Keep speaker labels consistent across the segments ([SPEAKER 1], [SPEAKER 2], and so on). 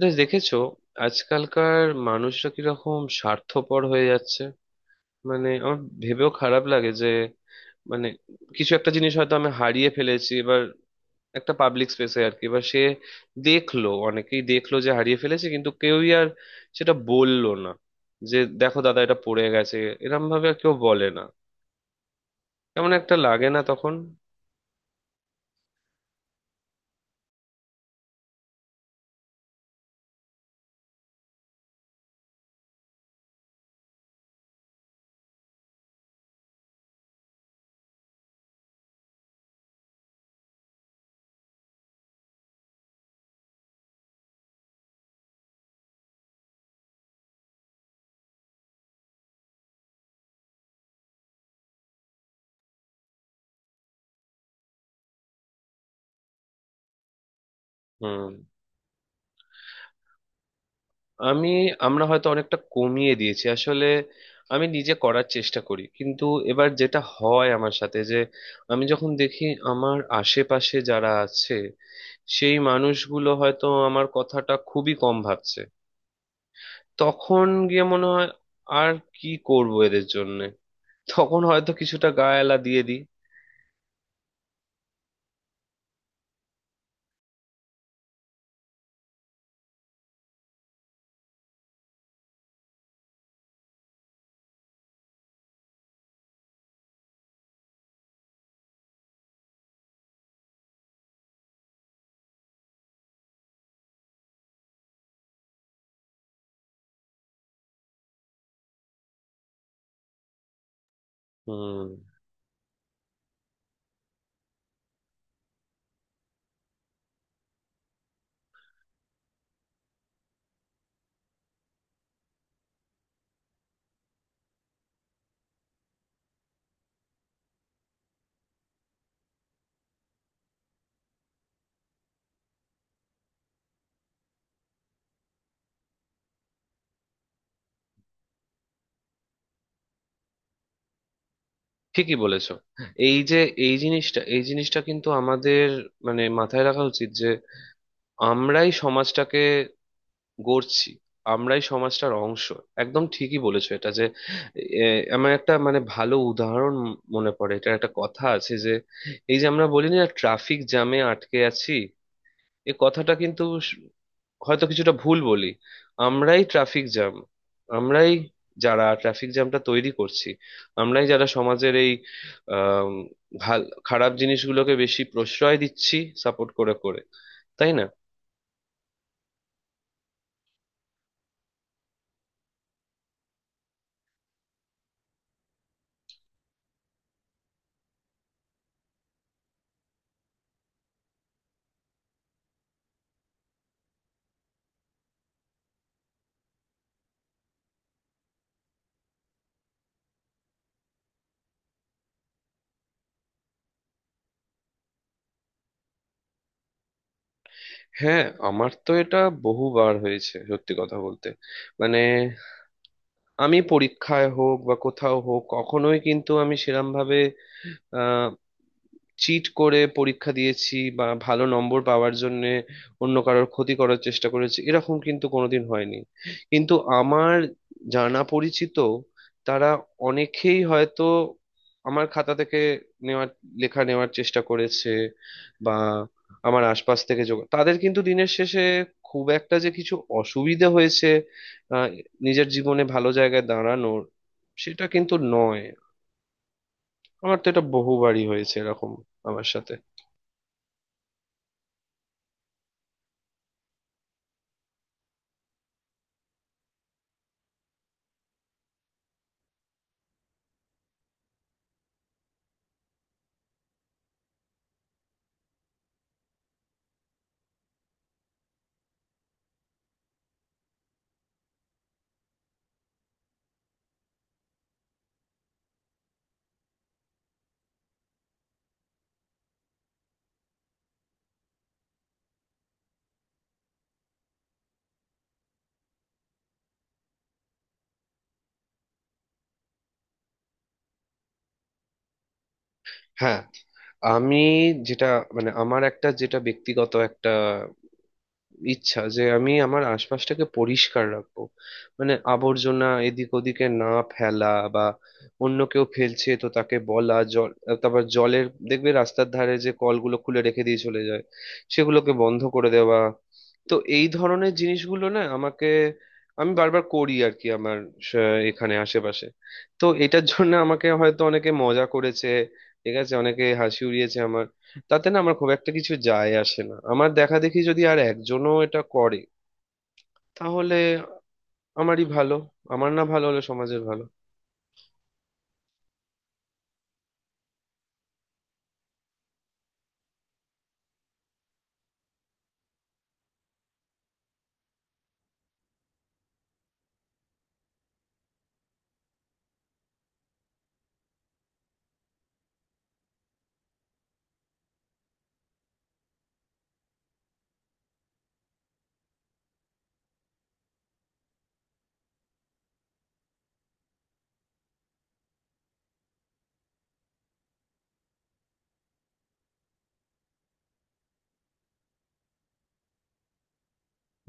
[SPEAKER 1] দেখেছো? আজকালকার মানুষরা কিরকম স্বার্থপর হয়ে যাচ্ছে। মানে আমার ভেবেও খারাপ লাগে যে মানে কিছু একটা জিনিস হয়তো আমি হারিয়ে ফেলেছি এবার, একটা পাবলিক স্পেসে আর কি। এবার সে দেখলো, অনেকেই দেখলো যে হারিয়ে ফেলেছে, কিন্তু কেউই আর সেটা বললো না যে দেখো দাদা এটা পড়ে গেছে। এরম ভাবে আর কেউ বলে না। কেমন একটা লাগে না তখন? হুম। আমি, আমরা হয়তো অনেকটা কমিয়ে দিয়েছি আসলে। আমি নিজে করার চেষ্টা করি, কিন্তু এবার যেটা হয় আমার সাথে যে আমি যখন দেখি আমার আশেপাশে যারা আছে সেই মানুষগুলো হয়তো আমার কথাটা খুবই কম ভাবছে, তখন গিয়ে মনে হয় আর কি করব এদের জন্য। তখন হয়তো কিছুটা গায়ে দিয়ে দিই। হুম, ঠিকই বলেছো। এই যে, এই জিনিসটা এই জিনিসটা কিন্তু আমাদের মানে মাথায় রাখা উচিত যে আমরাই সমাজটাকে গড়ছি, আমরাই সমাজটার অংশ। একদম ঠিকই বলেছো এটা যে এ, আমার একটা মানে ভালো উদাহরণ মনে পড়ে। এটা একটা কথা আছে যে এই যে আমরা বলি না ট্রাফিক জ্যামে আটকে আছি, এ কথাটা কিন্তু হয়তো কিছুটা ভুল বলি। আমরাই ট্রাফিক জ্যাম, আমরাই যারা ট্রাফিক জ্যামটা তৈরি করছি। আমরাই যারা সমাজের এই আম, ভাল খারাপ জিনিসগুলোকে বেশি প্রশ্রয় দিচ্ছি, সাপোর্ট করে করে, তাই না? হ্যাঁ, আমার তো এটা বহুবার হয়েছে, সত্যি কথা বলতে। মানে আমি পরীক্ষায় হোক বা কোথাও হোক, কখনোই কিন্তু আমি সেরম ভাবে চিট করে পরীক্ষা দিয়েছি বা ভালো নম্বর পাওয়ার জন্য অন্য কারোর ক্ষতি করার চেষ্টা করেছি এরকম কিন্তু কোনোদিন হয়নি। কিন্তু আমার জানা পরিচিত, তারা অনেকেই হয়তো আমার খাতা থেকে নেওয়ার, লেখা নেওয়ার চেষ্টা করেছে বা আমার আশপাশ থেকে যোগ তাদের, কিন্তু দিনের শেষে খুব একটা যে কিছু অসুবিধা হয়েছে আহ, নিজের জীবনে ভালো জায়গায় দাঁড়ানোর, সেটা কিন্তু নয়। আমার তো এটা বহুবারই হয়েছে এরকম আমার সাথে। হ্যাঁ, আমি যেটা মানে আমার একটা যেটা ব্যক্তিগত একটা ইচ্ছা যে আমি আমার আশপাশটাকে পরিষ্কার রাখবো। মানে আবর্জনা এদিক ওদিকে না ফেলা বা অন্য কেউ ফেলছে তো তাকে বলা। জল, তারপর জলের দেখবে রাস্তার ধারে যে কলগুলো খুলে রেখে দিয়ে চলে যায়, সেগুলোকে বন্ধ করে দেওয়া। তো এই ধরনের জিনিসগুলো না আমাকে, আমি বারবার করি আর কি আমার স- এখানে আশেপাশে। তো এটার জন্য আমাকে হয়তো অনেকে মজা করেছে, ঠিক আছে, অনেকে হাসি উড়িয়েছে আমার। তাতে না আমার খুব একটা কিছু যায় আসে না। আমার দেখা দেখি যদি আর একজনও এটা করে, তাহলে আমারই ভালো। আমার না ভালো হলে সমাজের ভালো।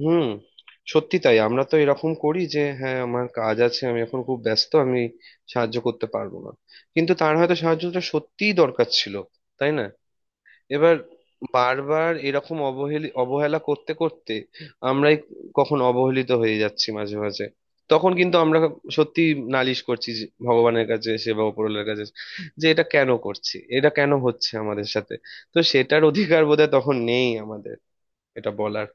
[SPEAKER 1] হুম, সত্যি তাই। আমরা তো এরকম করি যে হ্যাঁ, আমার কাজ আছে, আমি এখন খুব ব্যস্ত, আমি সাহায্য করতে পারবো না। কিন্তু তার হয়তো সাহায্যটা সত্যিই দরকার ছিল, তাই না? এবার বারবার এরকম অবহেলি অবহেলা করতে করতে আমরাই কখন অবহেলিত হয়ে যাচ্ছি মাঝে মাঝে। তখন কিন্তু আমরা সত্যি নালিশ করছি যে ভগবানের কাছে, সেবা উপরওয়ালার কাছে, যে এটা কেন করছি, এটা কেন হচ্ছে আমাদের সাথে। তো সেটার অধিকার বোধহয় তখন নেই আমাদের এটা বলার।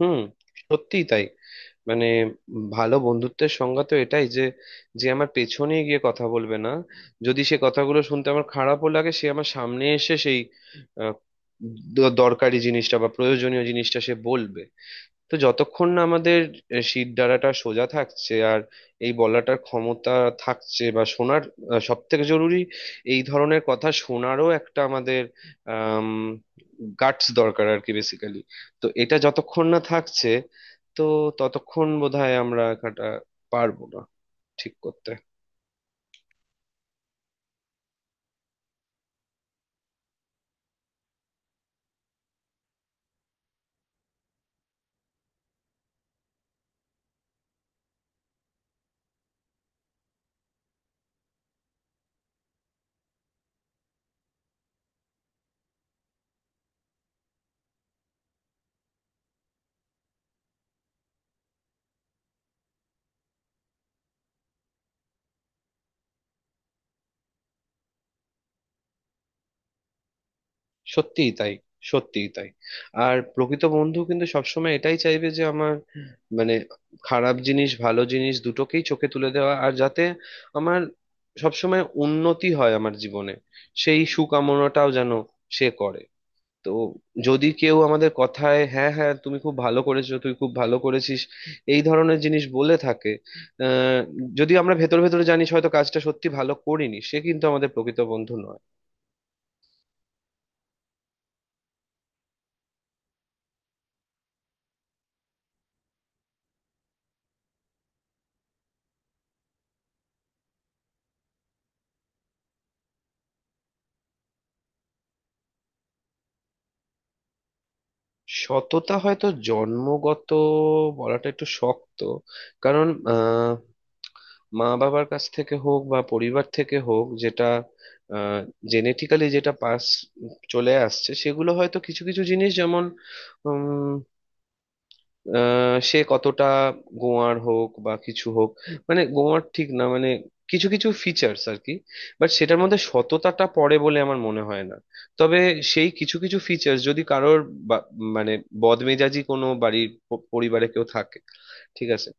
[SPEAKER 1] হুম, সত্যিই তাই। মানে ভালো বন্ধুত্বের সংজ্ঞা তো এটাই যে, যে আমার পেছনে গিয়ে কথা বলবে না, যদি সে কথাগুলো শুনতে আমার খারাপও লাগে সে আমার সামনে এসে সেই আহ, দরকারি জিনিসটা বা প্রয়োজনীয় জিনিসটা সে বলবে। তো যতক্ষণ না আমাদের শির দ্বারাটা সোজা থাকছে আর এই বলাটার ক্ষমতা থাকছে বা শোনার, সব থেকে জরুরি এই ধরনের কথা শোনারও একটা আমাদের আম গাটস দরকার আর কি, বেসিক্যালি। তো এটা যতক্ষণ না থাকছে তো ততক্ষণ বোধহয় আমরা কাটা পারবো না ঠিক করতে। সত্যিই তাই, সত্যিই তাই। আর প্রকৃত বন্ধু কিন্তু সবসময় এটাই চাইবে যে আমার মানে খারাপ জিনিস ভালো জিনিস দুটোকেই চোখে তুলে দেওয়া আর যাতে আমার সবসময় উন্নতি হয় আমার জীবনে, সেই সুকামনাটাও যেন সে করে। তো যদি কেউ আমাদের কথায় হ্যাঁ হ্যাঁ তুমি খুব ভালো করেছো তুই খুব ভালো করেছিস এই ধরনের জিনিস বলে থাকে, আহ যদি আমরা ভেতর ভেতরে জানিস হয়তো কাজটা সত্যি ভালো করিনি, সে কিন্তু আমাদের প্রকৃত বন্ধু নয়। সততা হয়তো জন্মগত বলাটা একটু শক্ত। কারণ আহ মা বাবার কাছ থেকে হোক বা পরিবার থেকে হোক যেটা জেনেটিক্যালি যেটা পাস চলে আসছে সেগুলো হয়তো কিছু কিছু জিনিস, যেমন সে কতটা গোয়ার হোক বা কিছু হোক, মানে গোয়ার ঠিক না, মানে কিছু কিছু ফিচার্স আর কি। বাট সেটার মধ্যে সততাটা পড়ে বলে আমার মনে হয় না। তবে সেই কিছু কিছু ফিচার্স যদি কারোর বা- মানে বদমেজাজি কোনো বাড়ির পরিবারে কেউ থাকে, ঠিক আছে,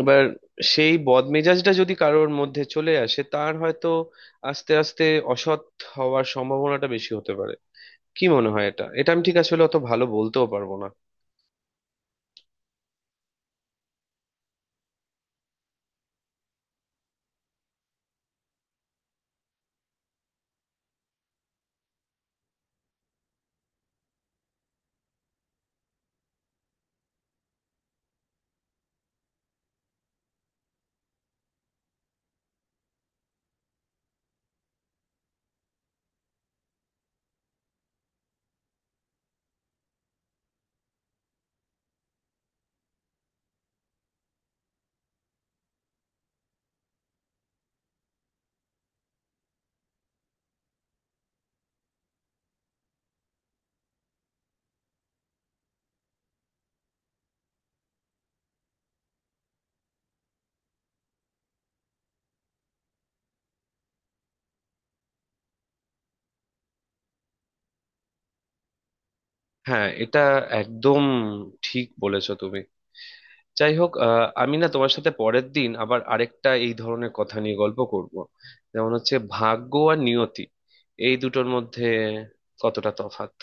[SPEAKER 1] এবার সেই বদমেজাজটা যদি কারোর মধ্যে চলে আসে তার হয়তো আস্তে আস্তে অসৎ হওয়ার সম্ভাবনাটা বেশি হতে পারে। কি মনে হয়? এটা এটা আমি ঠিক আসলে অত ভালো বলতেও পারবো না। হ্যাঁ এটা একদম ঠিক বলেছো তুমি। যাই হোক, আমি না তোমার সাথে পরের দিন আবার আরেকটা এই ধরনের কথা নিয়ে গল্প করব, যেমন হচ্ছে ভাগ্য আর নিয়তি, এই দুটোর মধ্যে কতটা তফাৎ।